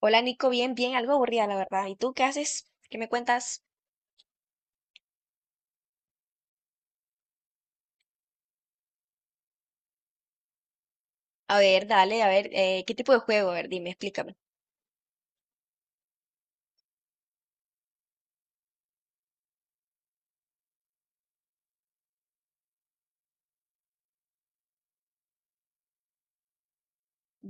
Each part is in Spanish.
Hola Nico, bien, bien, algo aburrida la verdad. ¿Y tú qué haces? ¿Qué me cuentas? A ver, dale, a ver, ¿qué tipo de juego? A ver, dime, explícame.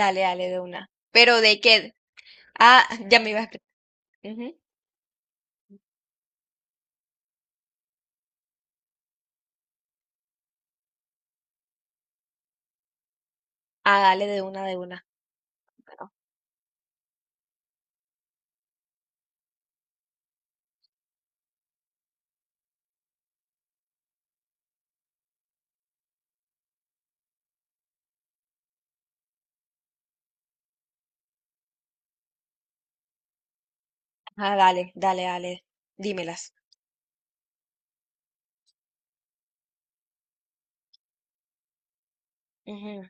Dale, dale de una. ¿Pero de qué? Ah, ya me iba a explicar. Ujú. Ah, dale de una, de una. Bueno. Ah, dale, dale, dale. Dímelas. Ujú.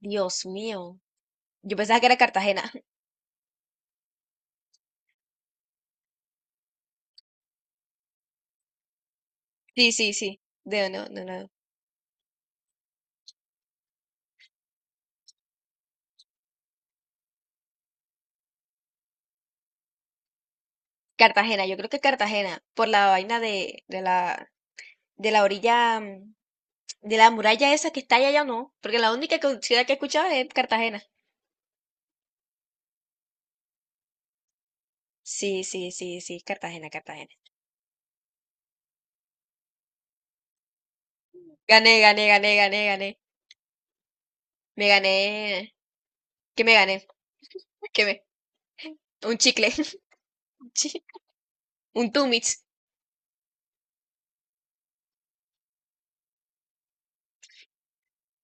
Dios mío. Yo pensaba que era Cartagena. Sí, sí, sí. De no, no, no. Cartagena, yo creo que Cartagena, por la vaina de, de la orilla, de la muralla esa que está allá, ya no, porque ciudad que he escuchado es Cartagena. Sí, sí, sí, sí, Cartagena, Cartagena. Gané, gané, gané, gané, gané. Me gané. ¿Qué me gané? ¿Qué me? Un chicle. Un chi- un Tumitz.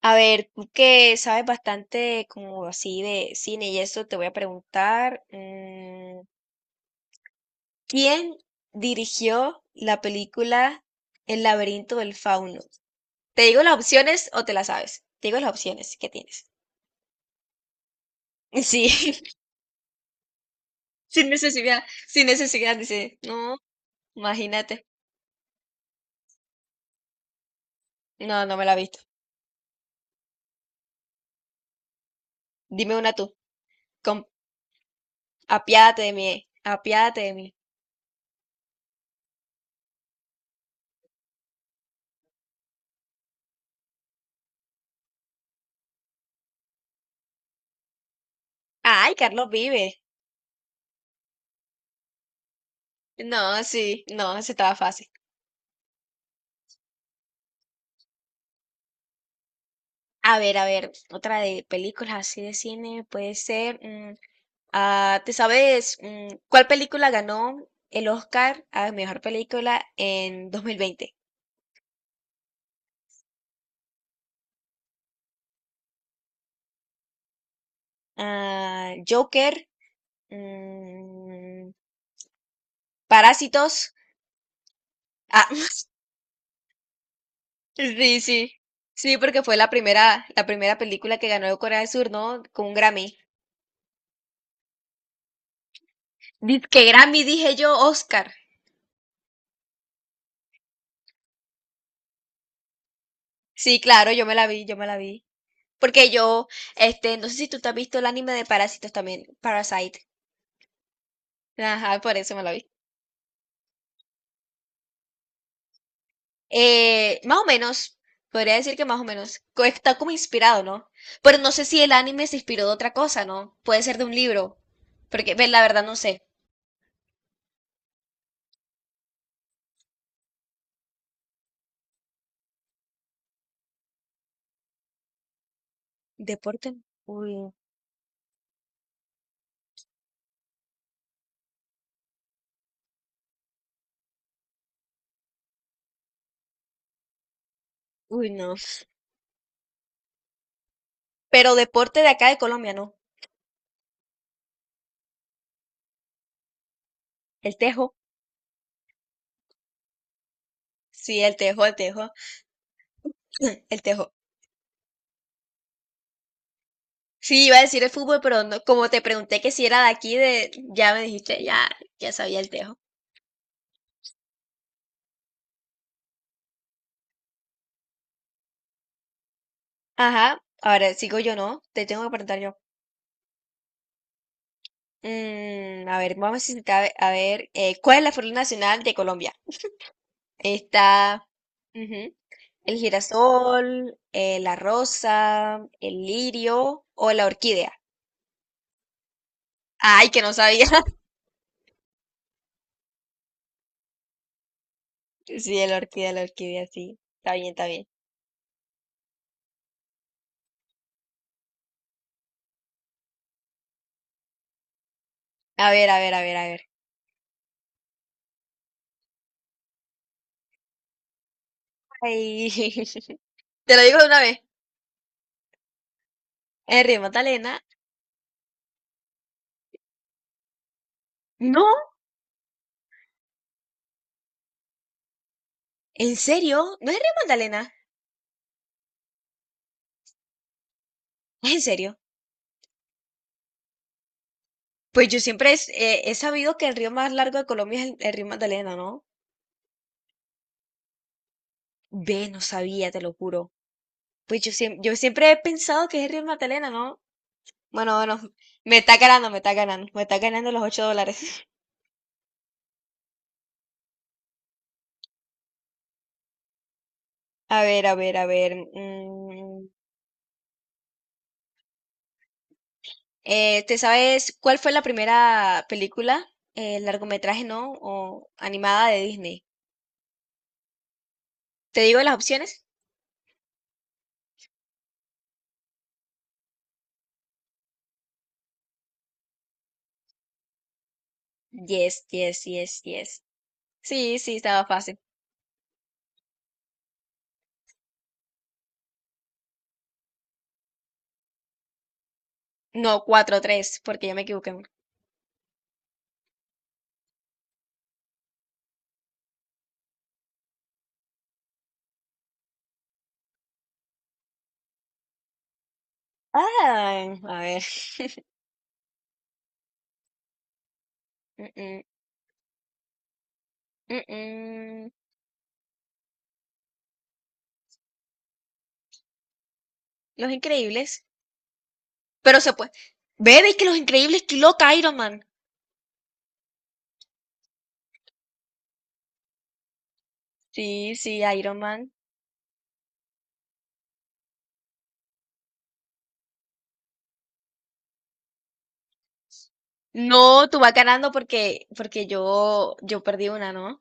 A ver, tú que sabes bastante como así de cine y eso, te voy a preguntar, ¿quién dirigió la película El laberinto del fauno? ¿Te digo las opciones o te las sabes? Te digo las opciones que tienes. Sí, sin necesidad, sin necesidad, dice. No, imagínate. No, no me la he visto. Dime una tú. Com- apiádate de mí, apiádate de mí. Ay, Carlos vive. No, sí, no, se estaba fácil. A ver, otra de películas así de cine puede ser. ¿Te sabes cuál película ganó el Oscar a mejor película en 2020? Ah, Joker, mm, Parásitos. Ah, sí, sí. Sí, porque fue la primera película que ganó Corea del Sur, ¿no? Con un Grammy. Que Grammy, dije yo, Oscar. Sí, claro, yo me la vi, yo me la vi. Porque yo, no sé si tú te has visto el anime de Parásitos también, Parasite. Ajá, por eso me la vi. Más o menos, podría decir que más o menos. Está como inspirado, ¿no? Pero no sé si el anime se inspiró de otra cosa, ¿no? Puede ser de un libro. Porque, ve, la verdad, no sé. Deporte, uy, uy, no. Pero deporte de acá de Colombia, ¿no? El tejo. Sí, el tejo, el tejo. El tejo. Sí, iba a decir el fútbol, pero no, como te pregunté que si era de aquí, de, ya me dijiste, ya, ya sabía el tejo. Ajá, ahora sigo yo, ¿no? Te tengo que preguntar yo. A ver, vamos a necesitar, a ver, ¿cuál es la flor nacional de Colombia? Está, ujú, el girasol, la rosa, el lirio o la orquídea. Ay, que no sabía. Sí, la orquídea, sí. Está bien, está bien. A ver, a ver, a ver, a ver. Ay. Te lo digo de una vez. En Río Magdalena. No, ¿en serio? ¿No es el río Magdalena? ¿Es en serio? Pues he sabido que el río más largo de Colombia es el río Magdalena, ¿no? Ve, no sabía, te lo juro. Pues yo siempre he pensado que es el río Magdalena, ¿no? Bueno, bueno, me está ganando, me está ganando, me está ganando los 8 dólares. A ver, a ver, a ver. ¿Te sabes cuál fue la primera película, largometraje, ¿no? O animada de Disney. ¿Te digo las opciones? Yes, yes, yes, yes. Sí, sí, estaba fácil. No, 4-3 porque ya me equivoqué. Ah, a ver. Mm, mm, mm, mm. Los Increíbles. Pero se puede. Ve, ve que Los Increíbles pilota Iron Man. Sí, sí, Iron Man. No, tú vas ganando porque, porque yo perdí una, ¿no?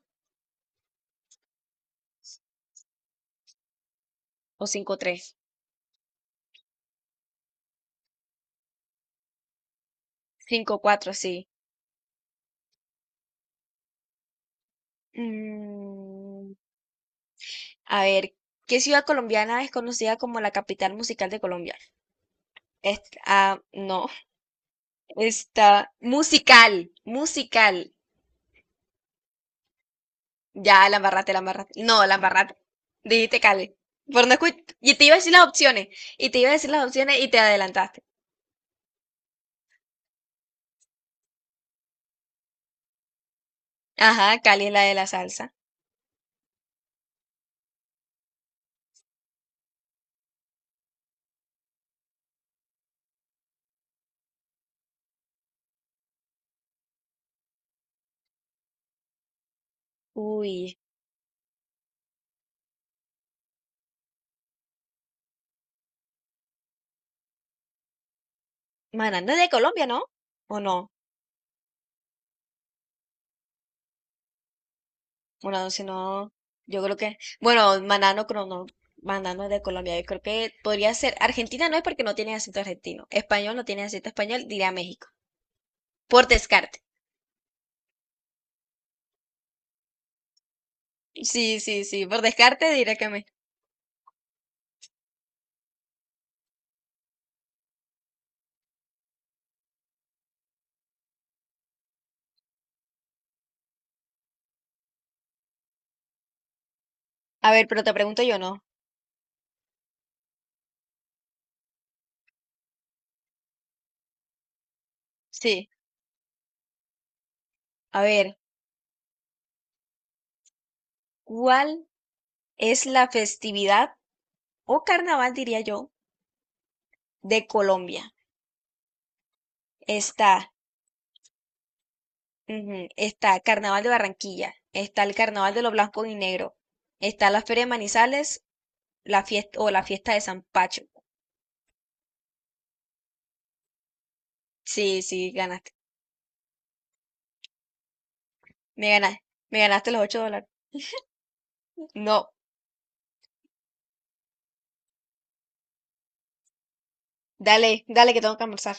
O 5-3, 5-4, sí. Mm, a ver, ¿qué ciudad colombiana es conocida como la capital musical de Colombia? Ah, no. Está musical, musical. Ya, la embarraste, la embarraste. No, la embarraste. Dijiste Cali. Por no escu- y te iba a decir las opciones. Y te iba a decir las opciones y te adelantaste. Ajá, Cali es la de la salsa. Uy, Maná no es de Colombia, ¿no? ¿O no? Bueno, si no, yo creo que... Bueno, Maná no, no, Maná no es de Colombia. Yo creo que podría ser... Argentina no es porque no tiene acento argentino. Español no tiene acento español, diría México. Por descarte. Sí, sí, sí. Por descarte diré que México. A ver, pero te pregunto yo, ¿no? Sí. A ver, ¿cuál es la festividad o carnaval, diría yo, de Colombia? Está, ujú, está Carnaval de Barranquilla, está el Carnaval de los Blancos y Negros, está la Feria de Manizales, la fiesta o la fiesta de San Pacho. Sí, sí, ganaste. Me ganaste. Me ganaste los 8 dólares. No, dale, dale que tengo que almorzar.